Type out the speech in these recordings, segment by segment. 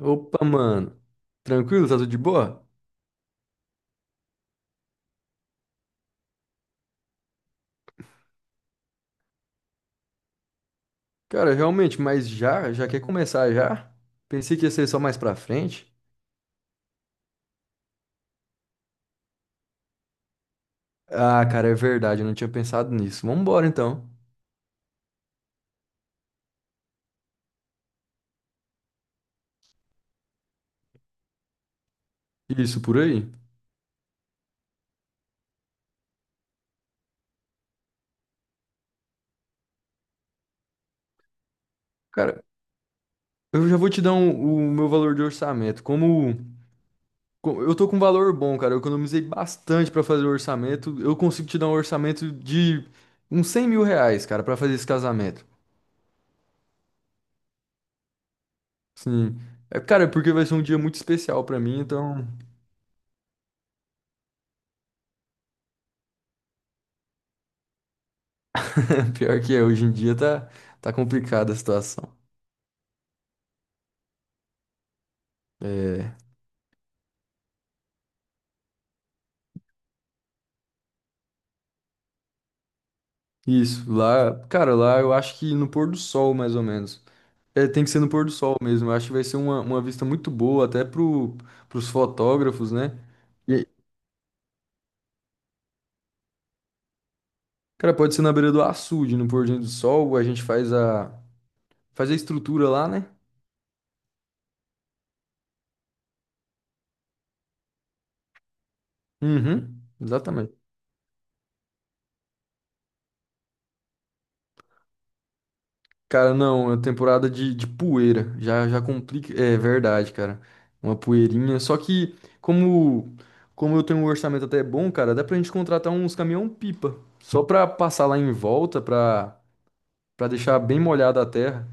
Opa, mano. Tranquilo? Tá tudo de boa? Cara, realmente, mas já? Já quer começar já? Pensei que ia ser só mais pra frente. Ah, cara, é verdade, eu não tinha pensado nisso. Vambora então. Isso por aí. Cara, eu já vou te dar o meu valor de orçamento. Eu tô com um valor bom, cara, eu economizei bastante pra fazer o orçamento. Eu consigo te dar um orçamento de uns R$ 100 mil, cara, pra fazer esse casamento. Sim. É, cara, é porque vai ser um dia muito especial pra mim, então. Pior que é, hoje em dia tá complicada a situação. É, isso, lá, cara, lá eu acho que no pôr do sol, mais ou menos. É, tem que ser no pôr do sol mesmo. Eu acho que vai ser uma vista muito boa, até pros fotógrafos, né? E, cara, pode ser na beira do açude, no pôr do sol, a gente faz a estrutura lá, né? Uhum, exatamente. Cara, não, é temporada de poeira. Já complica. É verdade, cara. Uma poeirinha. Só que, como, como eu tenho um orçamento até bom, cara, dá pra gente contratar uns caminhão-pipa. Só pra passar lá em volta, pra deixar bem molhada a terra.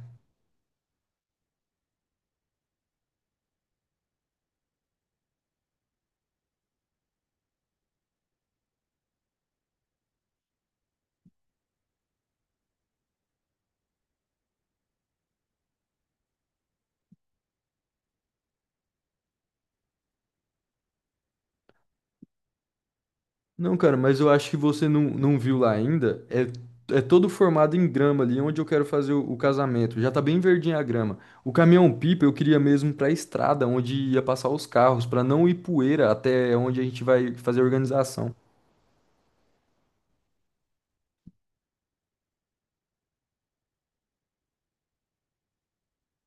Não, cara, mas eu acho que você não viu lá ainda. É, é todo formado em grama ali, onde eu quero fazer o casamento. Já tá bem verdinha a grama. O caminhão-pipa eu queria mesmo pra estrada, onde ia passar os carros, pra não ir poeira até onde a gente vai fazer a organização.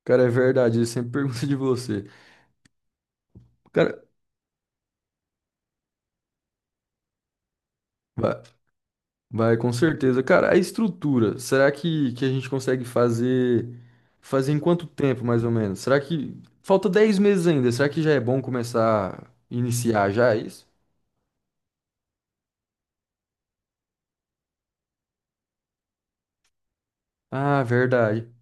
Cara, é verdade, ele sempre pergunta de você. Cara, vai, vai, com certeza. Cara, a estrutura, será que a gente consegue fazer em quanto tempo, mais ou menos? Será que falta 10 meses ainda? Será que já é bom começar, iniciar já é isso? Ah, verdade.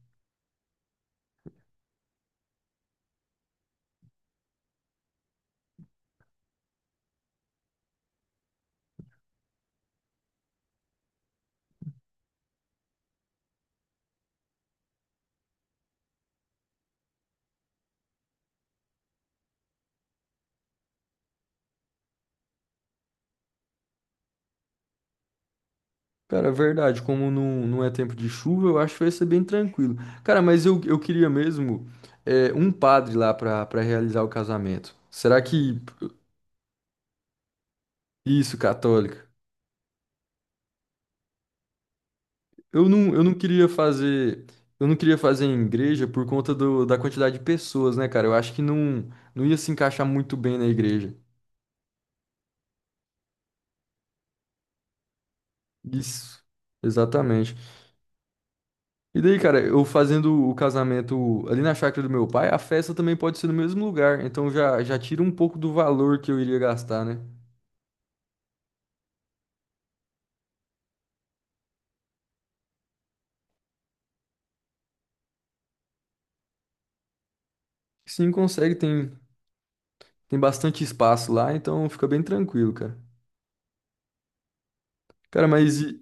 Cara, verdade. Como não é tempo de chuva, eu acho que vai ser bem tranquilo. Cara, mas eu queria mesmo um padre lá pra para realizar o casamento. Será que isso, católica? Eu não, eu não queria fazer, eu não queria fazer em igreja por conta do, da quantidade de pessoas, né, cara? Eu acho que não ia se encaixar muito bem na igreja. Isso, exatamente. E daí, cara, eu fazendo o casamento ali na chácara do meu pai, a festa também pode ser no mesmo lugar. Então já tira um pouco do valor que eu iria gastar, né? Sim, consegue, tem bastante espaço lá, então fica bem tranquilo, cara. Cara, mas e,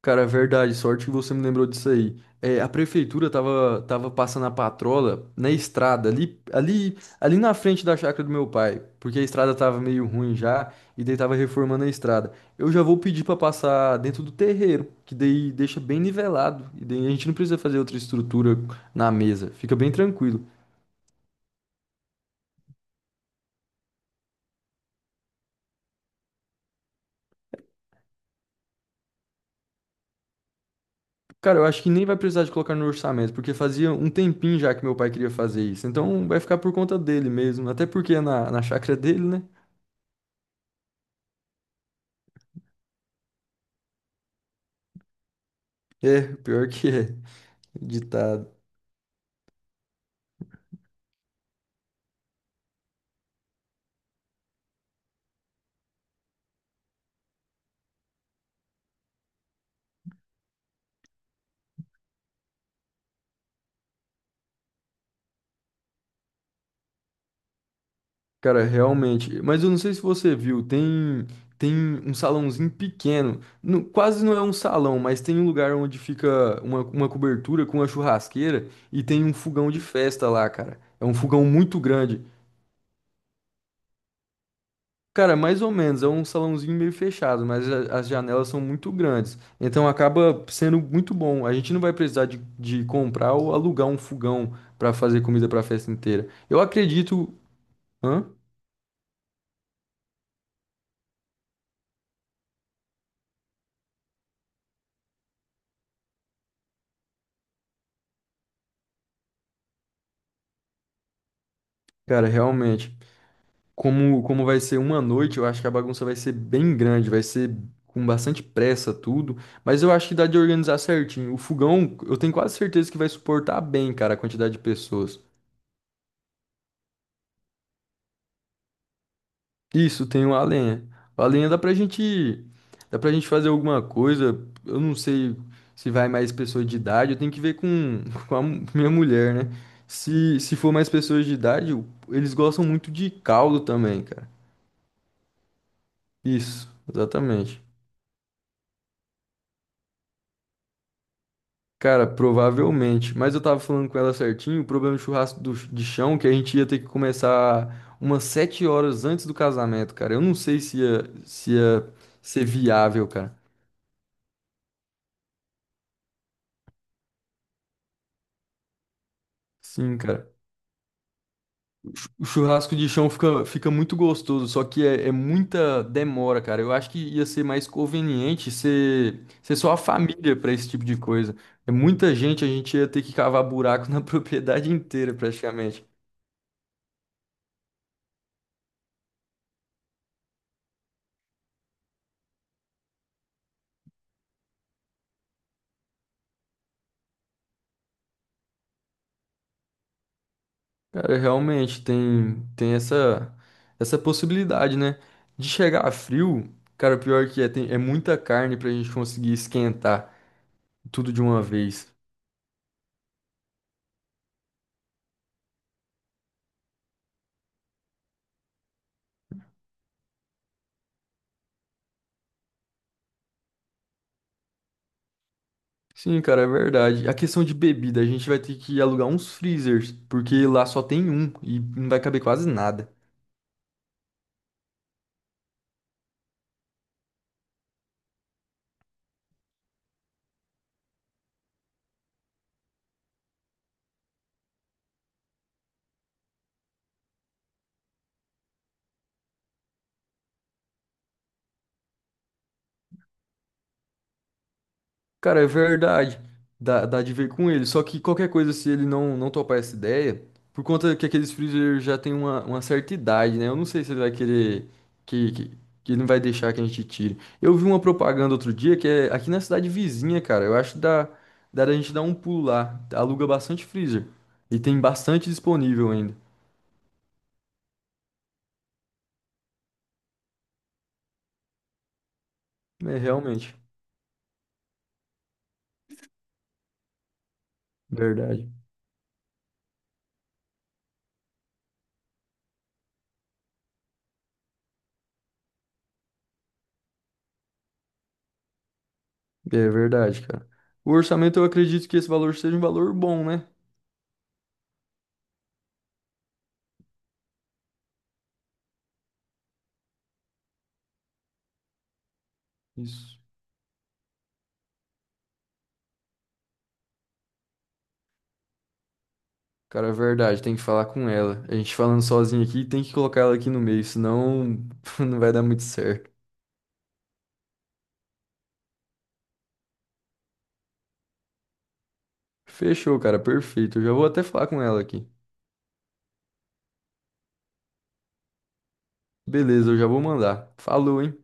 cara, é verdade, sorte que você me lembrou disso aí. É, a prefeitura tava passando a patrola na estrada, ali na frente da chácara do meu pai, porque a estrada tava meio ruim já, e daí tava reformando a estrada. Eu já vou pedir pra passar dentro do terreiro, que daí deixa bem nivelado, e daí a gente não precisa fazer outra estrutura na mesa, fica bem tranquilo. Cara, eu acho que nem vai precisar de colocar no orçamento, porque fazia um tempinho já que meu pai queria fazer isso, então vai ficar por conta dele mesmo, até porque é na chácara dele, né? É, pior que é. Ditado. Cara, realmente. Mas eu não sei se você viu, tem um salãozinho pequeno. Quase não é um salão, mas tem um lugar onde fica uma cobertura com uma churrasqueira e tem um fogão de festa lá, cara. É um fogão muito grande. Cara, mais ou menos, é um salãozinho meio fechado, mas as janelas são muito grandes. Então acaba sendo muito bom. A gente não vai precisar de comprar ou alugar um fogão pra fazer comida pra festa inteira. Eu acredito. Hã? Cara, realmente, como vai ser uma noite, eu acho que a bagunça vai ser bem grande, vai ser com bastante pressa tudo, mas eu acho que dá de organizar certinho. O fogão, eu tenho quase certeza que vai suportar bem, cara, a quantidade de pessoas. Isso, tem o a lenha. A lenha dá pra gente fazer alguma coisa, eu não sei se vai mais pessoas de idade, eu tenho que ver com, com a minha mulher, né? Se for mais pessoas de idade, eles gostam muito de caldo também, cara. Isso, exatamente. Cara, provavelmente. Mas eu tava falando com ela certinho, o problema do churrasco de chão, que a gente ia ter que começar umas 7 horas antes do casamento, cara. Eu não sei se ia ser viável, cara. Sim, cara. O churrasco de chão fica muito gostoso, só que é muita demora, cara. Eu acho que ia ser mais conveniente ser só a família pra esse tipo de coisa. É muita gente, a gente ia ter que cavar buraco na propriedade inteira, praticamente. Cara, realmente tem essa possibilidade, né? De chegar frio, cara, pior que é, tem, é muita carne pra gente conseguir esquentar tudo de uma vez. Sim, cara, é verdade. A questão de bebida, a gente vai ter que alugar uns freezers, porque lá só tem um e não vai caber quase nada. Cara, é verdade. Dá de ver com ele. Só que qualquer coisa, se ele não topar essa ideia, por conta que aqueles freezer já tem uma certa idade, né? Eu não sei se ele vai querer que, que, que ele não vai deixar que a gente tire. Eu vi uma propaganda outro dia que é aqui na cidade vizinha, cara. Eu acho que dá da gente dar um pulo lá. Aluga bastante freezer. E tem bastante disponível ainda. É realmente. Verdade. É verdade, cara. O orçamento, eu acredito que esse valor seja um valor bom, né? Isso. Cara, é verdade, tem que falar com ela. A gente falando sozinho aqui, tem que colocar ela aqui no meio, senão não vai dar muito certo. Fechou, cara, perfeito. Eu já vou até falar com ela aqui. Beleza, eu já vou mandar. Falou, hein?